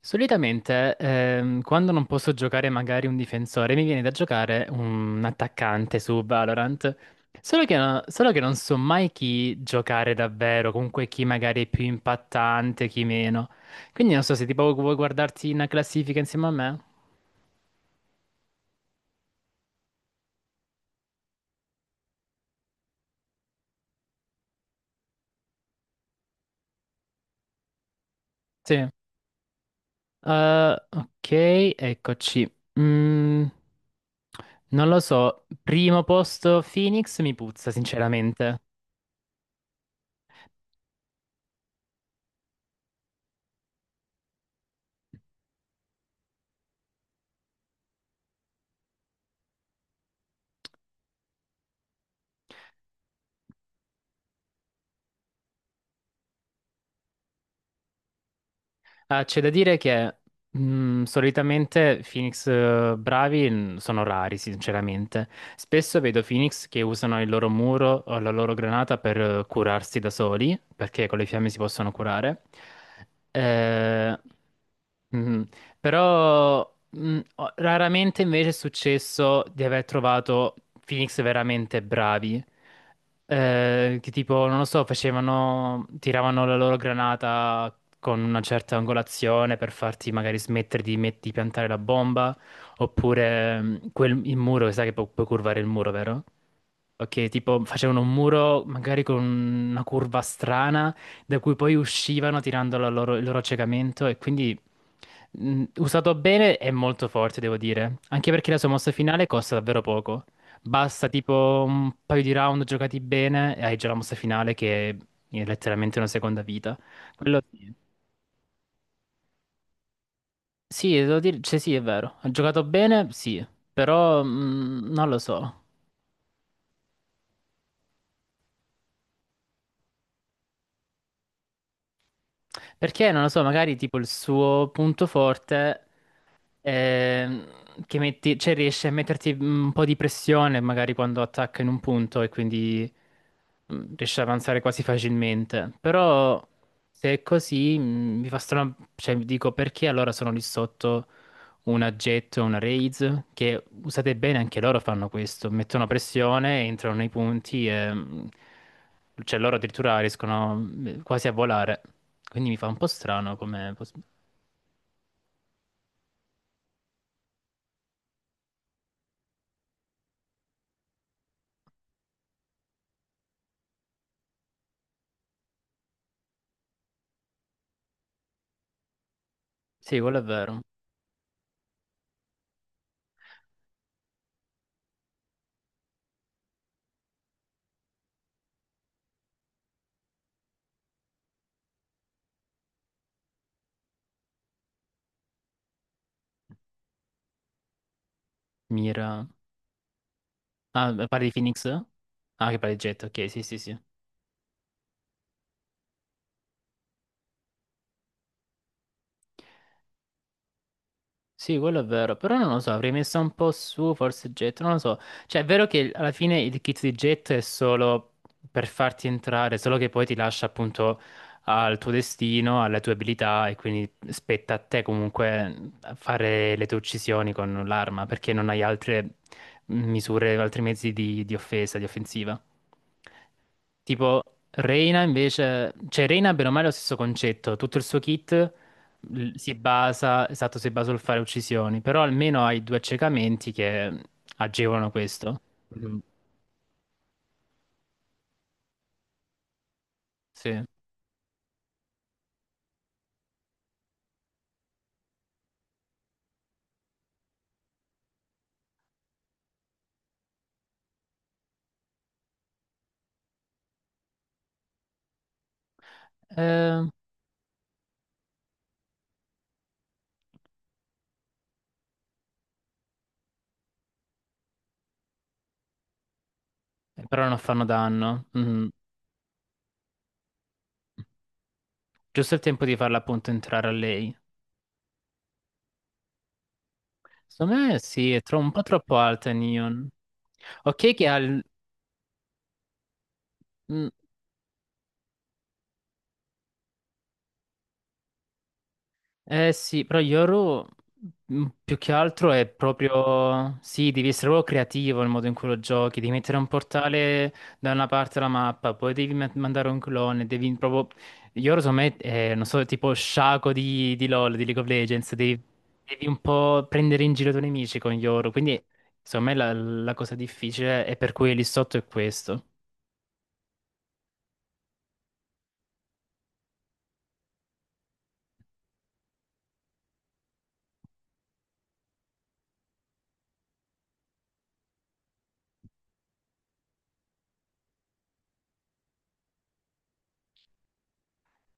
Solitamente, quando non posso giocare magari un difensore, mi viene da giocare un attaccante su Valorant. Solo che, solo che non so mai chi giocare davvero, comunque chi magari è più impattante, chi meno. Quindi non so se tipo vuoi guardarti una classifica insieme a me. Sì. Ok, eccoci. Mm, Non lo so, primo posto Phoenix mi puzza, sinceramente. Ah, c'è da dire che solitamente Phoenix bravi sono rari, sinceramente. Spesso vedo Phoenix che usano il loro muro o la loro granata per curarsi da soli, perché con le fiamme si possono curare. Eh, mhm. Però raramente invece è successo di aver trovato Phoenix veramente bravi. Che tipo, non lo so, facevano, tiravano la loro granata con una certa angolazione per farti magari smettere di piantare la bomba. Oppure il muro, sai che puoi curvare il muro, vero? Ok, tipo facevano un muro magari con una curva strana da cui poi uscivano tirando il loro accecamento e quindi. Usato bene è molto forte, devo dire. Anche perché la sua mossa finale costa davvero poco. Basta tipo un paio di round giocati bene e hai già la mossa finale che è letteralmente una seconda vita. Quello sì. Sì, devo dire, cioè sì, è vero. Ha giocato bene, sì, però non lo so. Perché non lo so, magari tipo il suo punto forte ehm, che metti, cioè riesce a metterti un po' di pressione magari quando attacca in un punto e quindi riesce ad avanzare quasi facilmente. Però se è così mi fa strano, cioè mi dico perché allora sono lì sotto una Jet o una Raise, che usate bene anche loro fanno questo, mettono pressione, entrano nei punti e cioè loro addirittura riescono quasi a volare. Quindi mi fa un po' strano come Sì, quello è vero. Mira. Ah, parli di Phoenix? Ah, che parli di Jet, ok, sì, sì, sì. Sì, quello è vero, però non lo so, avrei messo un po' su, forse Jet, non lo so. Cioè, è vero che alla fine il kit di Jet è solo per farti entrare, solo che poi ti lascia appunto al tuo destino, alle tue abilità e quindi spetta a te comunque fare le tue uccisioni con l'arma, perché non hai altre misure, altri mezzi di offesa, di offensiva. Tipo, Reina invece, cioè Reina bene o male è lo stesso concetto, tutto il suo kit si basa, esatto, si basa sul fare uccisioni, però almeno hai due accecamenti che agevolano questo. Sì. Ehm, però non fanno danno. Mhm. Giusto il tempo di farla appunto entrare a lei. Secondo me sì, è un po' troppo alta Neon. Ok che ha il mm, Eh sì, però Yoru più che altro è proprio. Sì, devi essere proprio creativo nel modo in cui lo giochi, devi mettere un portale da una parte della mappa, poi devi mandare un clone, devi proprio. Yoru secondo me è, non so, tipo sciaco di LoL, di League of Legends, devi un po' prendere in giro i tuoi nemici con Yoru, quindi secondo me la cosa difficile è per cui lì sotto è questo.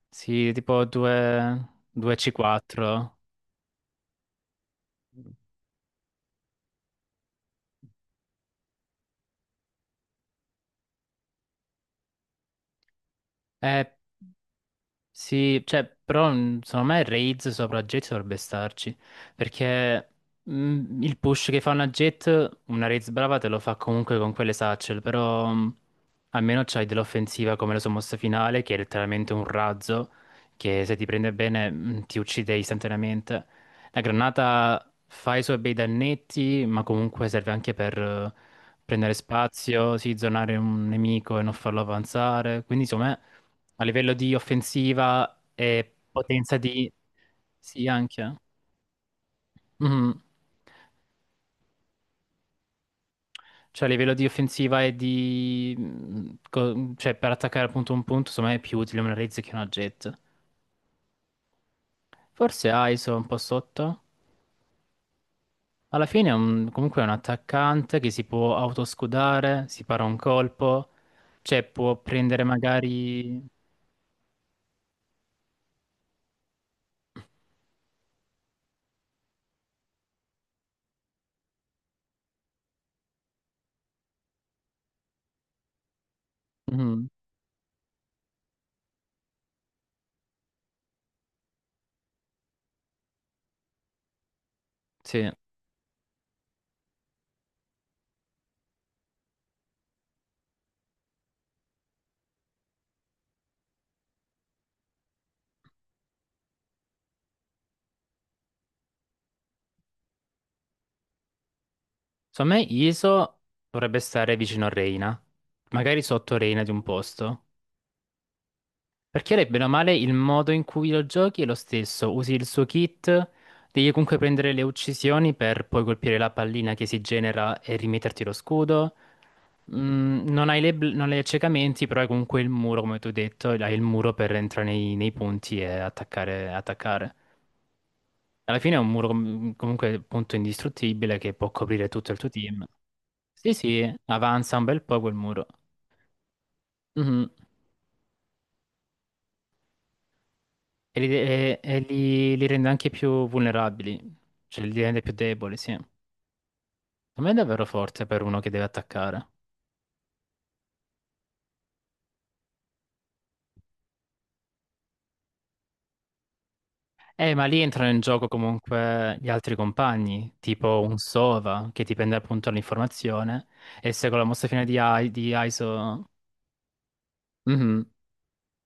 Sì, tipo 2 2C4. Sì, cioè, però secondo me Raids sopra Jet dovrebbe starci, perché il push che fa una Jet, una Raids brava te lo fa comunque con quelle satchel, però almeno c'hai dell'offensiva come la sua mossa finale, che è letteralmente un razzo, che se ti prende bene ti uccide istantaneamente. La granata fa i suoi bei dannetti, ma comunque serve anche per prendere spazio, sì, zonare un nemico e non farlo avanzare. Quindi, insomma, a livello di offensiva e potenza di. Sì, anche. Mhm. Cioè, a livello di offensiva e di cioè, per attaccare appunto un punto, insomma, è più utile una Raze che una Jet. Forse ISO è un po' sotto. Alla fine è comunque è un attaccante che si può autoscudare, si para un colpo, cioè può prendere magari. Mhm, sì. Secondo me Iso dovrebbe stare vicino a Reina, magari sotto Reina di un posto. Perché lei, bene o male, il modo in cui lo giochi è lo stesso. Usi il suo kit, devi comunque prendere le uccisioni per poi colpire la pallina che si genera e rimetterti lo scudo. Non hai le non hai accecamenti, però hai comunque il muro, come tu hai detto, hai il muro per entrare nei punti e attaccare, attaccare. Alla fine è un muro comunque appunto indistruttibile che può coprire tutto il tuo team. Sì, sì, avanza un bel po' quel muro. Mhm. E li, e li- li rende anche più vulnerabili, cioè li rende più deboli, sì. A me è davvero forte per uno che deve attaccare. Ma lì entrano in gioco comunque gli altri compagni, tipo un Sova che ti prende appunto l'informazione e se con la mossa finale di ISO. Mhm.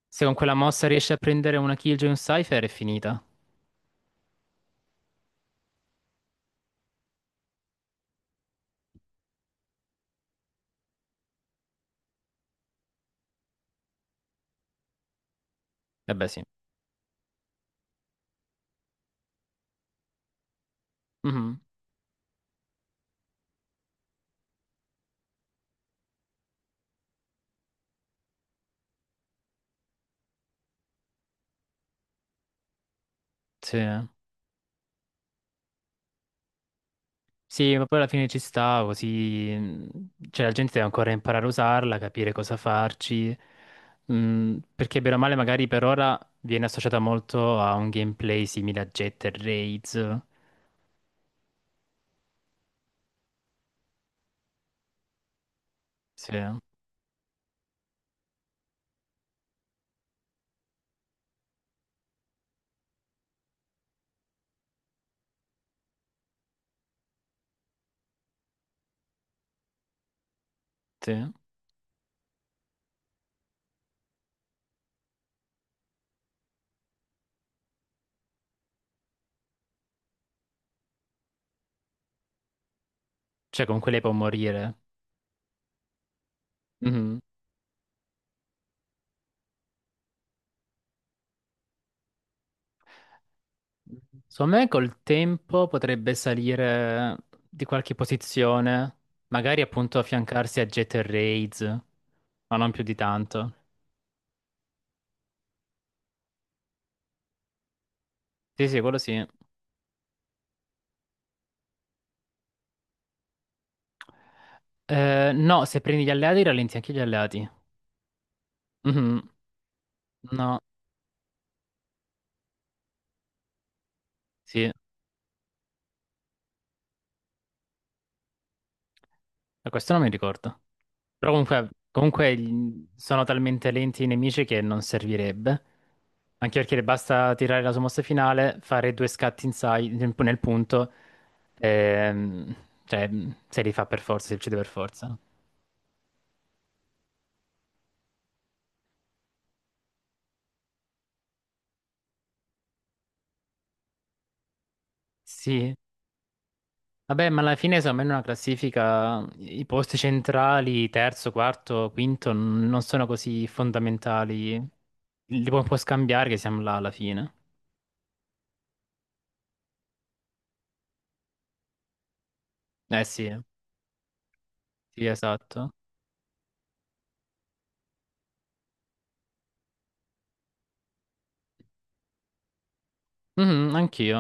Se con quella mossa riesci a prendere una kill giù in un Cypher è finita. Eh beh, sì. Mhm. Sì. Sì, ma poi alla fine ci sta, così. Cioè, la gente deve ancora imparare a usarla, capire cosa farci. Perché bene o male, magari per ora viene associata molto a un gameplay simile a Jet e Raids. Sì, sì. Cioè, comunque lei può morire. Mhm. Secondo me col tempo potrebbe salire di qualche posizione, magari appunto affiancarsi a Jet e Raids, ma non più di tanto. Sì, sì, quello sì. No, se prendi gli alleati rallenti anche gli alleati. Mhm. No, sì, questo non mi ricordo. Però comunque, sono talmente lenti i nemici che non servirebbe. Anche perché le basta tirare la sua mossa finale, fare due scatti in nel punto, ehm, cioè se li fa per forza, se li uccide per forza. Sì, vabbè, ma alla fine secondo me in una classifica i posti centrali, terzo, quarto, quinto, non sono così fondamentali. Li puoi scambiare che siamo là alla fine. Eh sì, sì, esatto. Mhm, anch'io.